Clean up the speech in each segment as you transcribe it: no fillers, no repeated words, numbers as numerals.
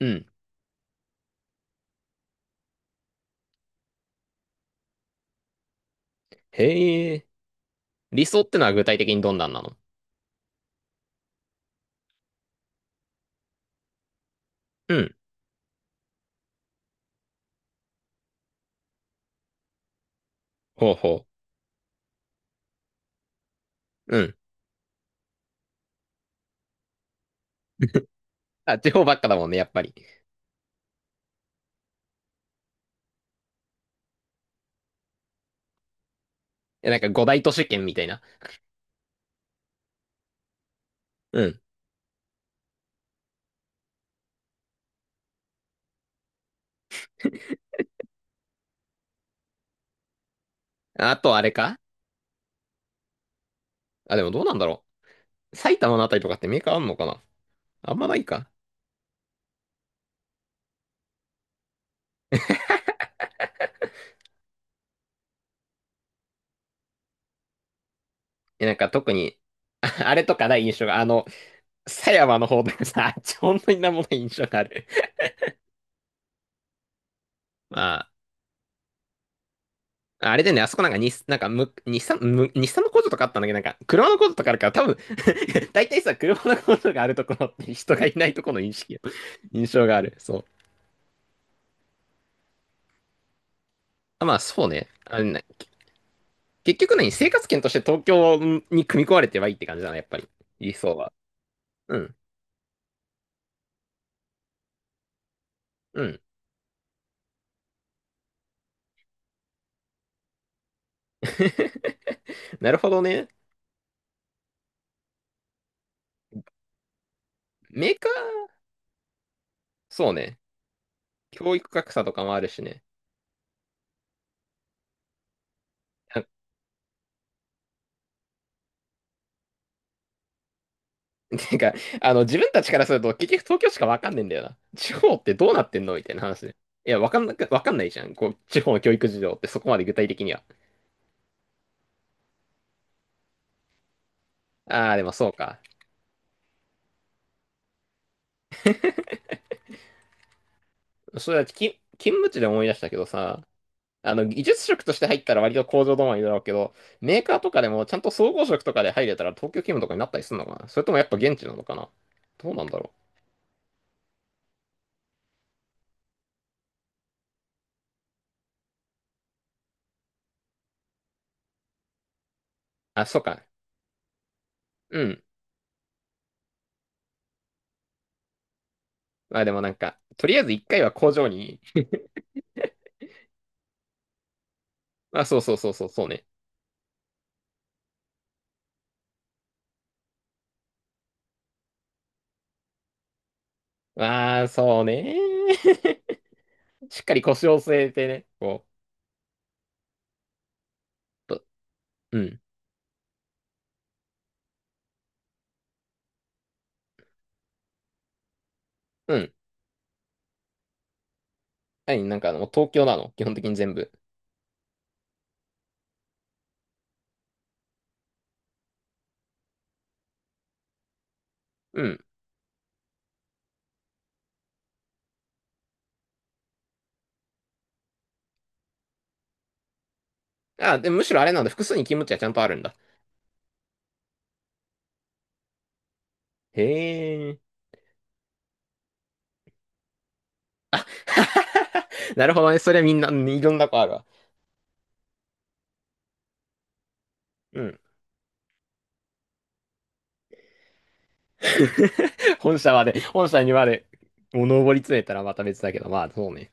うん。へえ。理想ってのは具体的にどんなんなの？うん。ほうほう。うん。あ、地方ばっかだもんね、やっぱり。え、なんか五大都市圏みたいな。うん。あとあれか。あ、でもどうなんだろう。埼玉のあたりとかってメーカーあんのかな。あんまないか。え、なんか特に、ああれとかない印象が、狭山の方とかさ、あっち本当になんもない印象がある。まあ、あれでね、あそこなんか日、なんかむ、日産、む、日産の工場とかあったんだけど、なんか、車の工場とかあるから、多分。 大体さ、車の工場があるところって人がいないところの認識印象がある。そう。あまあ、そうね。結局何生活圏として東京に組み込まれてはいいって感じだな、やっぱり。理想は。うん。うん。なるほどね。メーカー、そうね。教育格差とかもあるしね。あ てか、自分たちからすると結局東京しかわかんねえんだよな。地方ってどうなってんのみたいな話ね。いや、わかんないじゃん。こう、地方の教育事情ってそこまで具体的には。ああ、でもそうか。それは、勤務地で思い出したけどさ、技術職として入ったら割と工場止まりだろうけど、メーカーとかでもちゃんと総合職とかで入れたら東京勤務とかになったりするのかな。それともやっぱ現地なのかな。どうなんだろう。あ、そうか。うん。まあでもなんか、とりあえず一回は工場に、あ、そうそうそうそう、そうね。ああ、そうね。しっかり腰を据えてね、こう、と、うん、うん。なんか東京なの基本的に全部。うん。あ、で、むしろあれなんだ。複数に勤務地はちゃんとあるんだ。へえ。なるほどね。それはみんな、いろんな子あるわ。うん。本社にまで、もう上り詰めたらまた別だけど、まあ、そうね。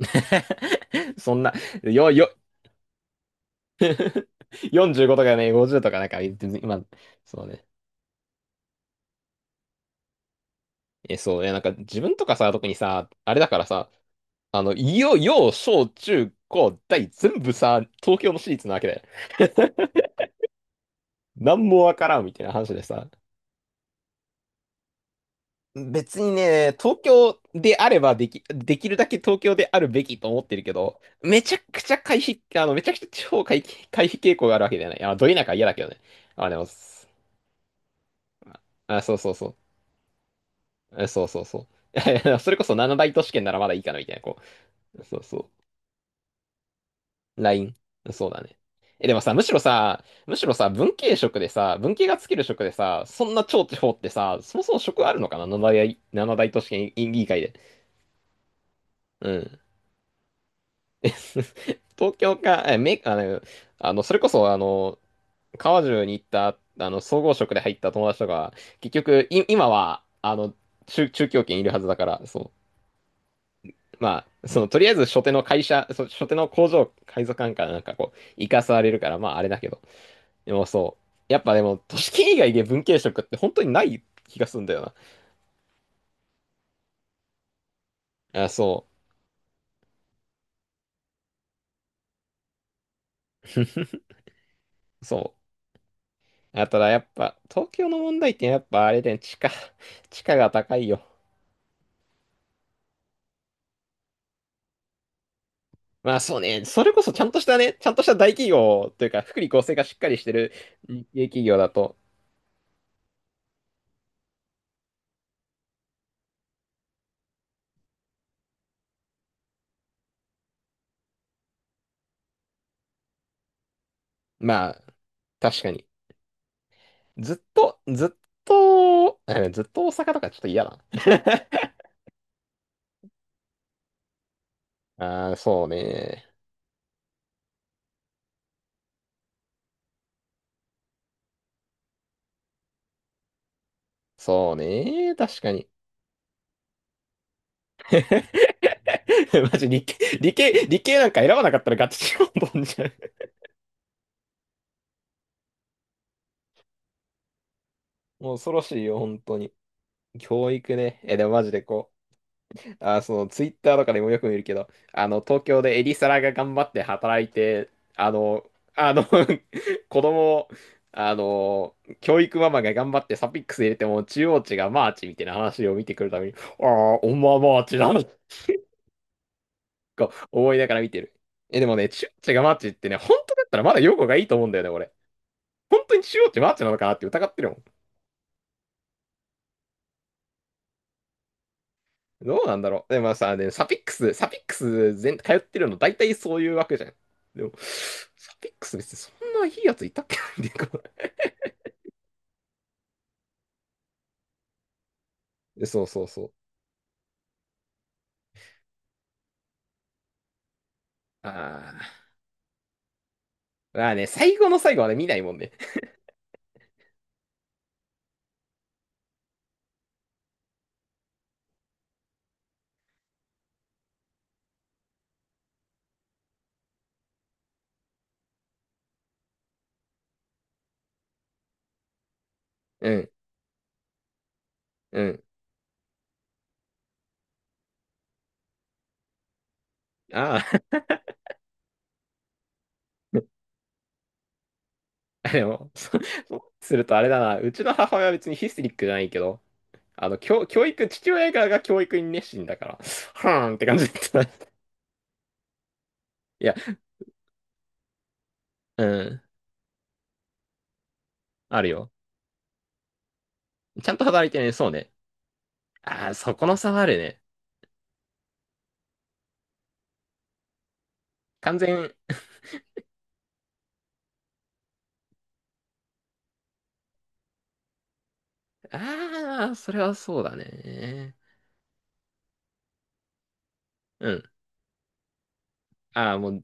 そんな、よ、よ、45とかね、50とかなんか、別に今、そうね。そうね、なんか自分とかさ、特にさ、あれだからさ、あの、いよ、よ、小、中、高、大、全部さ、東京の私立なわけだよ。なんもわからんみたいな話でさ、別にね、東京であればできるだけ東京であるべきと思ってるけど、めちゃくちゃ地方回避、回避傾向があるわけじゃない。あ、ど田舎は嫌だけどね。あ、でも、あ、そうそうそう。あそうそうそう。それこそ七大都市圏ならまだいいかなみたいな、こう。そうそう。LINE。そうだね。え、でもさ、むしろさ、文系職でさ、文系がつける職でさ、そんな超地方ってさ、そもそも職あるのかな。7大都市圏委員議会で。うん。え 東京か、え、め、あの、あの、それこそ、川中に行った、総合職で入った友達とか、結局、今は、中京圏いるはずだから、そう。まあ、とりあえず、初手の会社、初手の工場、海賊館からなんかこう、行かされるから、まあ、あれだけど。でも、そう。やっぱでも、都市圏以外で文系職って本当にない気がするんだよな。あ、そう。そう。あ、ただ、やっぱ、東京の問題ってやっぱ、あれで、地価が高いよ。まあそうね、それこそちゃんとした大企業というか、福利厚生がしっかりしてる日系企業だと、まあ、確かに。ずっと、ずっずっと大阪とかちょっと嫌だな。ああ、そうね。そうね。確かに。マジ理系、理系、理系なんか選ばなかったらガチチロンボンじゃん。もう恐ろしいよ、本当に。教育ね。え、でもマジでこう。あ、そのツイッターとかでもよく見るけど、東京でエリサラが頑張って働いて、あの、あの 子供を、あの、教育ママが頑張ってサピックス入れても中央値がマーチみたいな話を見てくるために、ああ、おまマーチだな、と思いながら見てる。え、でもね、中央値がマーチってね、本当だったらまだ用語がいいと思うんだよね、俺。本当に中央値マーチなのかなって疑ってるもん。どうなんだろう。でもさ、でサピックス、サピックス全、通ってるの大体そういうわけじゃん。でも、サピックス別にそんないいやついたっけっていうか そうそうそう。ああ。まあね、最後の最後はね、見ないもんね。うん、うん。ああ。でも、そうするとあれだな。うちの母親は別にヒステリックじゃないけど、教育、父親側が教育に熱心だから、はーんって感じだった いや、うん、あるよ。ちゃんと働いてね、そうね。ああ、そこの差はあるね。完全、ああ、それはそうだね。うん。ああ、もう、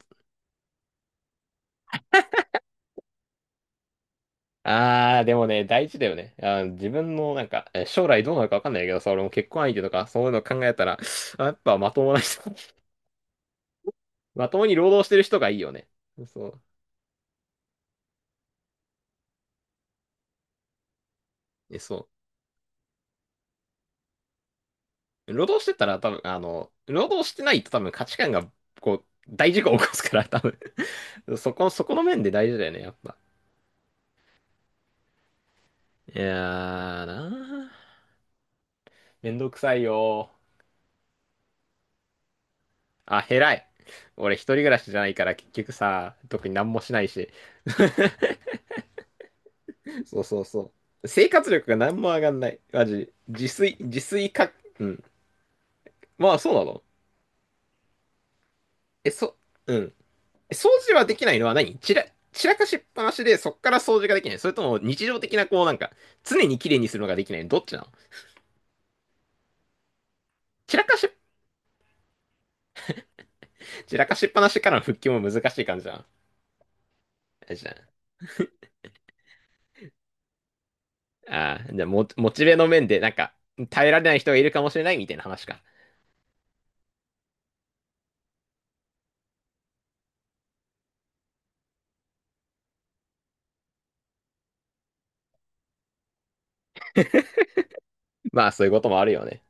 ああ、でもね、大事だよね。あー、自分の、なんか、将来どうなるかわかんないけどさ、俺も結婚相手とか、そういうの考えたら、あやっぱまともな人、まともに労働してる人がいいよね。そう。え、そう。労働してたら多分、労働してないと多分価値観が、こう、大事故を起こすから、多分。 そこの面で大事だよね、やっぱ。いやーなー、めんどくさいよ。あ、偉い。俺一人暮らしじゃないから結局さ、特に何もしないし。そうそうそう。生活力が何も上がんない。マジ。自炊か、うん。まあそうなの。え、そ、うん。掃除はできないのは何散ら、散らかしっぱなしでそっから掃除ができない。それとも日常的なこうなんか、常に綺麗にするのができない。どっちなの。散らかし、散らかしっぱなしからの復帰も難しい感じじゃん。あれじゃん。ああ、じゃあモチベの面でなんか、耐えられない人がいるかもしれないみたいな話か。まあそういうこともあるよね。